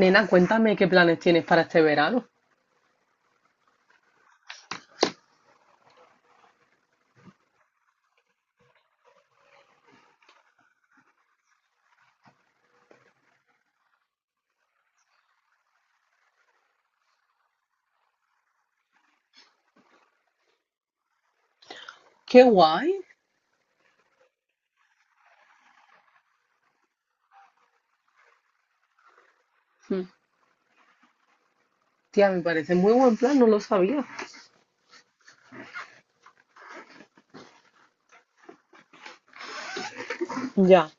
Nena, cuéntame qué planes tienes para este verano. ¡Qué guay! Mm, Tía, me parece muy buen plan, no lo sabía. Ya.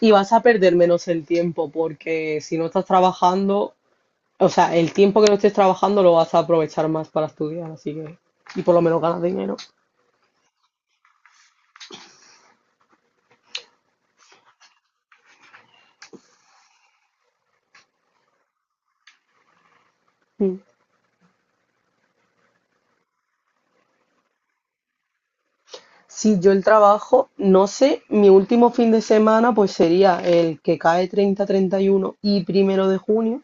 Y vas a perder menos el tiempo porque si no estás trabajando, o sea, el tiempo que no estés trabajando lo vas a aprovechar más para estudiar, así que... Y por lo menos ganas dinero. Mm. Sí, yo el trabajo, no sé, mi último fin de semana pues sería el que cae 30-31 y uno y primero de junio.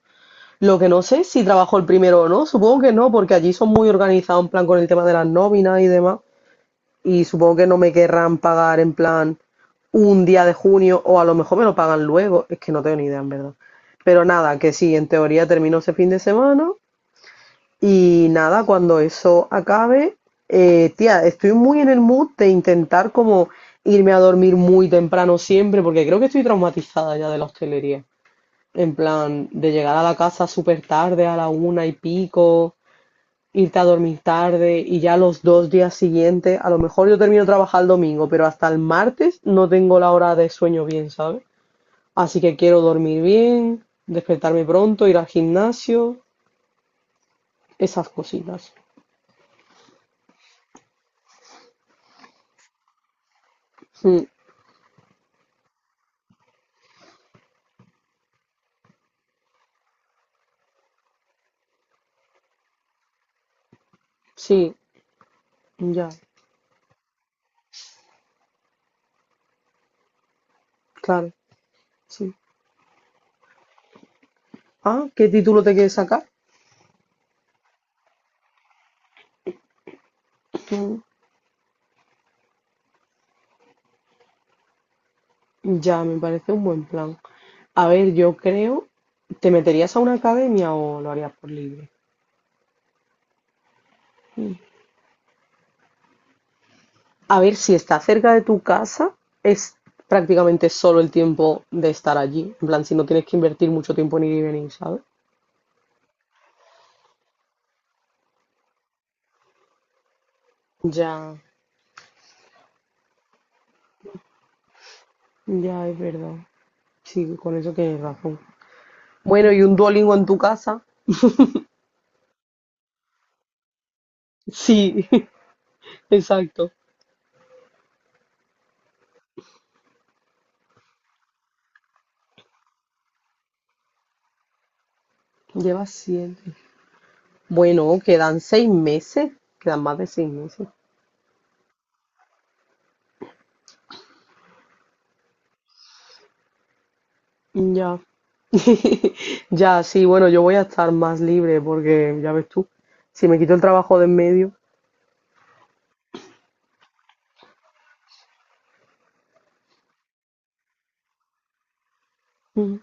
Lo que no sé es si trabajó el primero o no, supongo que no, porque allí son muy organizados en plan con el tema de las nóminas y demás, y supongo que no me querrán pagar en plan un día de junio o a lo mejor me lo pagan luego, es que no tengo ni idea en verdad. Pero nada, que sí, en teoría termino ese fin de semana y nada, cuando eso acabe, tía, estoy muy en el mood de intentar como irme a dormir muy temprano siempre, porque creo que estoy traumatizada ya de la hostelería. En plan, de llegar a la casa súper tarde, a la una y pico, irte a dormir tarde y ya los dos días siguientes, a lo mejor yo termino de trabajar el domingo, pero hasta el martes no tengo la hora de sueño bien, ¿sabes? Así que quiero dormir bien, despertarme pronto, ir al gimnasio, esas cositas. Mm, sí, ya, claro, sí. Ah, ¿qué título te quieres sacar? Mm, ya, me parece un buen plan. A ver, yo creo, ¿te meterías a una academia o lo harías por libre? Mm. A ver, si está cerca de tu casa, es prácticamente solo el tiempo de estar allí. En plan, si no tienes que invertir mucho tiempo en ir y venir, ¿sabes? Ya, ya es verdad. Sí, con eso tienes razón. Bueno, ¿y un Duolingo en tu casa? Sí, exacto. Llevas siete. Bueno, quedan seis meses, quedan más de seis meses. Ya. Ya, sí, bueno, yo voy a estar más libre porque, ya ves tú, si me quito el trabajo de en medio. Ujú,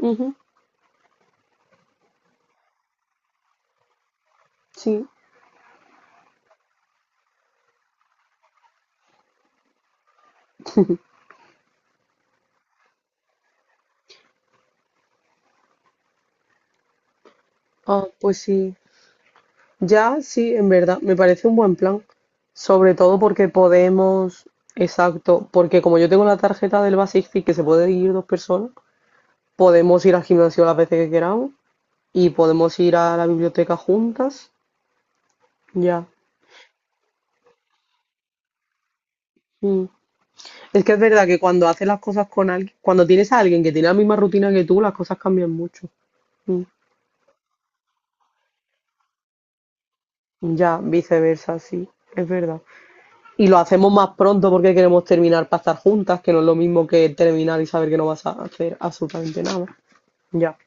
ujú, sí. Ah, pues sí. Ya, sí, en verdad, me parece un buen plan. Sobre todo porque podemos, exacto, porque como yo tengo la tarjeta del Basic Fit que se puede ir dos personas, podemos ir al gimnasio las veces que queramos y podemos ir a la biblioteca juntas. Ya. Mm. Es que es verdad que cuando haces las cosas con alguien, cuando tienes a alguien que tiene la misma rutina que tú, las cosas cambian mucho. Mm, ya, viceversa, sí, es verdad. Y lo hacemos más pronto porque queremos terminar para estar juntas, que no es lo mismo que terminar y saber que no vas a hacer absolutamente nada. Ya.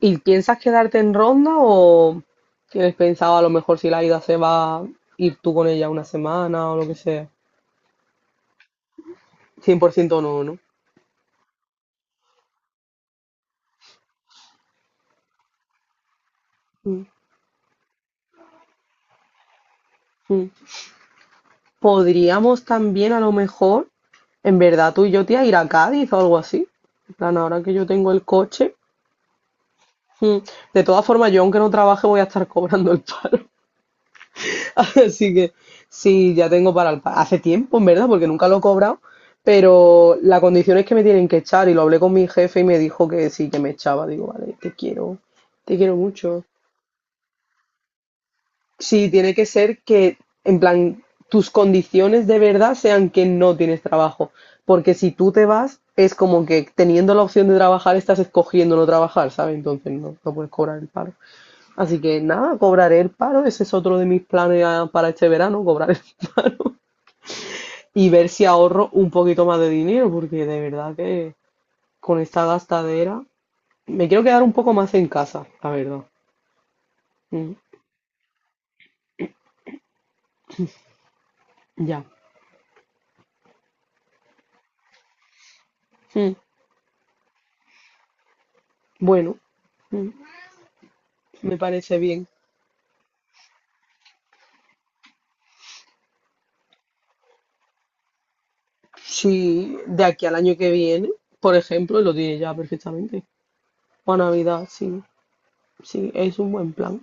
¿Y piensas quedarte en Ronda o tienes pensado a lo mejor si la ida se va ir tú con ella una semana o lo que sea? Cien por ciento no, ¿no? Mm, mm. Podríamos también a lo mejor, en verdad tú y yo, tía, ir a Cádiz o algo así. En plan, ahora que yo tengo el coche. Mm, de todas formas, yo aunque no trabaje voy a estar cobrando el paro. Así que sí, ya tengo para el paro. Hace tiempo, en verdad, porque nunca lo he cobrado. Pero la condición es que me tienen que echar. Y lo hablé con mi jefe y me dijo que sí, que me echaba. Digo, vale, te quiero mucho. Sí, tiene que ser que, en plan, tus condiciones de verdad sean que no tienes trabajo. Porque si tú te vas, es como que teniendo la opción de trabajar, estás escogiendo no trabajar, ¿sabes? Entonces no, no puedes cobrar el paro. Así que nada, cobraré el paro. Ese es otro de mis planes para este verano, cobrar el- y ver si ahorro un poquito más de dinero, porque de verdad que con esta gastadera me quiero quedar un poco más en casa, la verdad. Mm, ya. Mm, bueno, mm, me parece bien. Sí, de aquí al año que viene, por ejemplo, lo diré ya perfectamente. O a Navidad, sí, sí, es un buen plan.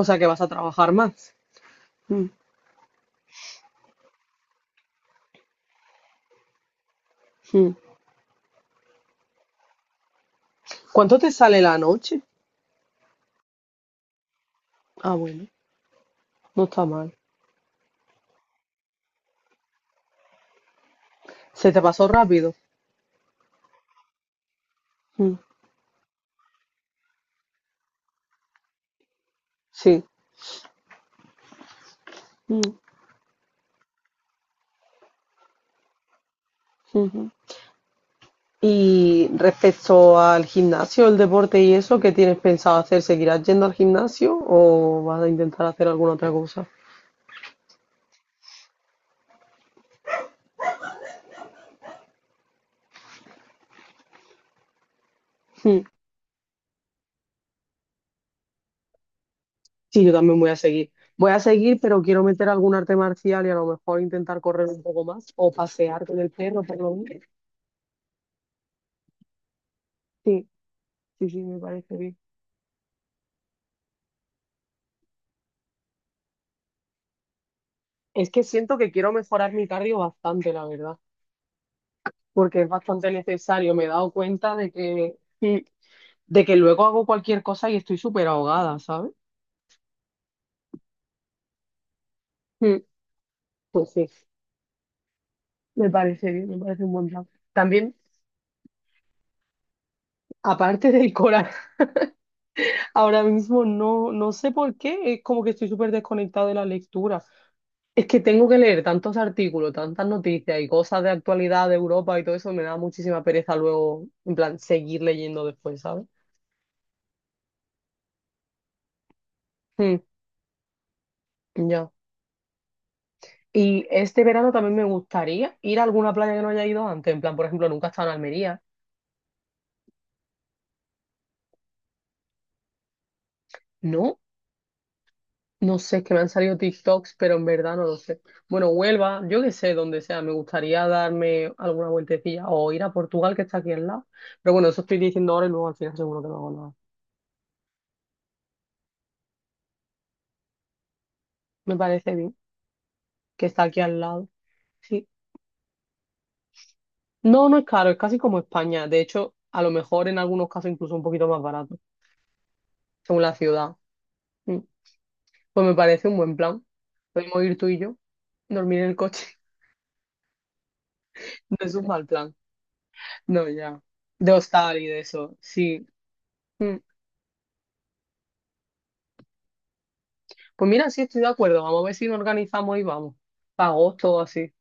O sea que vas a trabajar más. Mm, mm. ¿Cuánto te sale la noche? Ah, bueno, no está mal. Se te pasó rápido. Mm, sí. Mm, ujú. Y respecto al gimnasio, el deporte y eso, ¿qué tienes pensado hacer? ¿Seguirás yendo al gimnasio o vas a intentar hacer alguna otra cosa? Mm. Sí, yo también voy a seguir. Voy a seguir, pero quiero meter algún arte marcial y a lo mejor intentar correr un poco más o pasear con el perro, por lo menos. Sí, sí, sí, me parece bien. Es que siento que quiero mejorar mi cardio bastante, la verdad, porque es bastante necesario. Me he dado cuenta de que, de que luego hago cualquier cosa y estoy súper ahogada, ¿sabes? Mm, pues sí, me parece bien, me parece un buen plan. También, aparte del coral, ahora mismo no, no sé por qué, es como que estoy súper desconectada de la lectura. Es que tengo que leer tantos artículos, tantas noticias y cosas de actualidad de Europa y todo eso, me da muchísima pereza luego, en plan, seguir leyendo después, ¿sabes? Mm, ya. Y este verano también me gustaría ir a alguna playa que no haya ido antes, en plan, por ejemplo, nunca he estado en Almería, ¿no? No sé, es que me han salido TikToks, pero en verdad no lo sé. Bueno, Huelva, yo qué sé, donde sea, me gustaría darme alguna vueltecilla o ir a Portugal, que está aquí al lado. Pero bueno, eso estoy diciendo ahora y luego al final seguro que no hago nada. Me parece bien que está aquí al lado. Sí. No, no es caro, es casi como España. De hecho, a lo mejor en algunos casos incluso un poquito más barato, según la ciudad. Mm. Pues me parece un buen plan. Podemos ir tú y yo, dormir en el coche. No es un mal plan. No, ya. De hostal y de eso, sí. Mm. Pues mira, sí estoy de acuerdo. Vamos a ver si nos organizamos y vamos. Para agosto o así.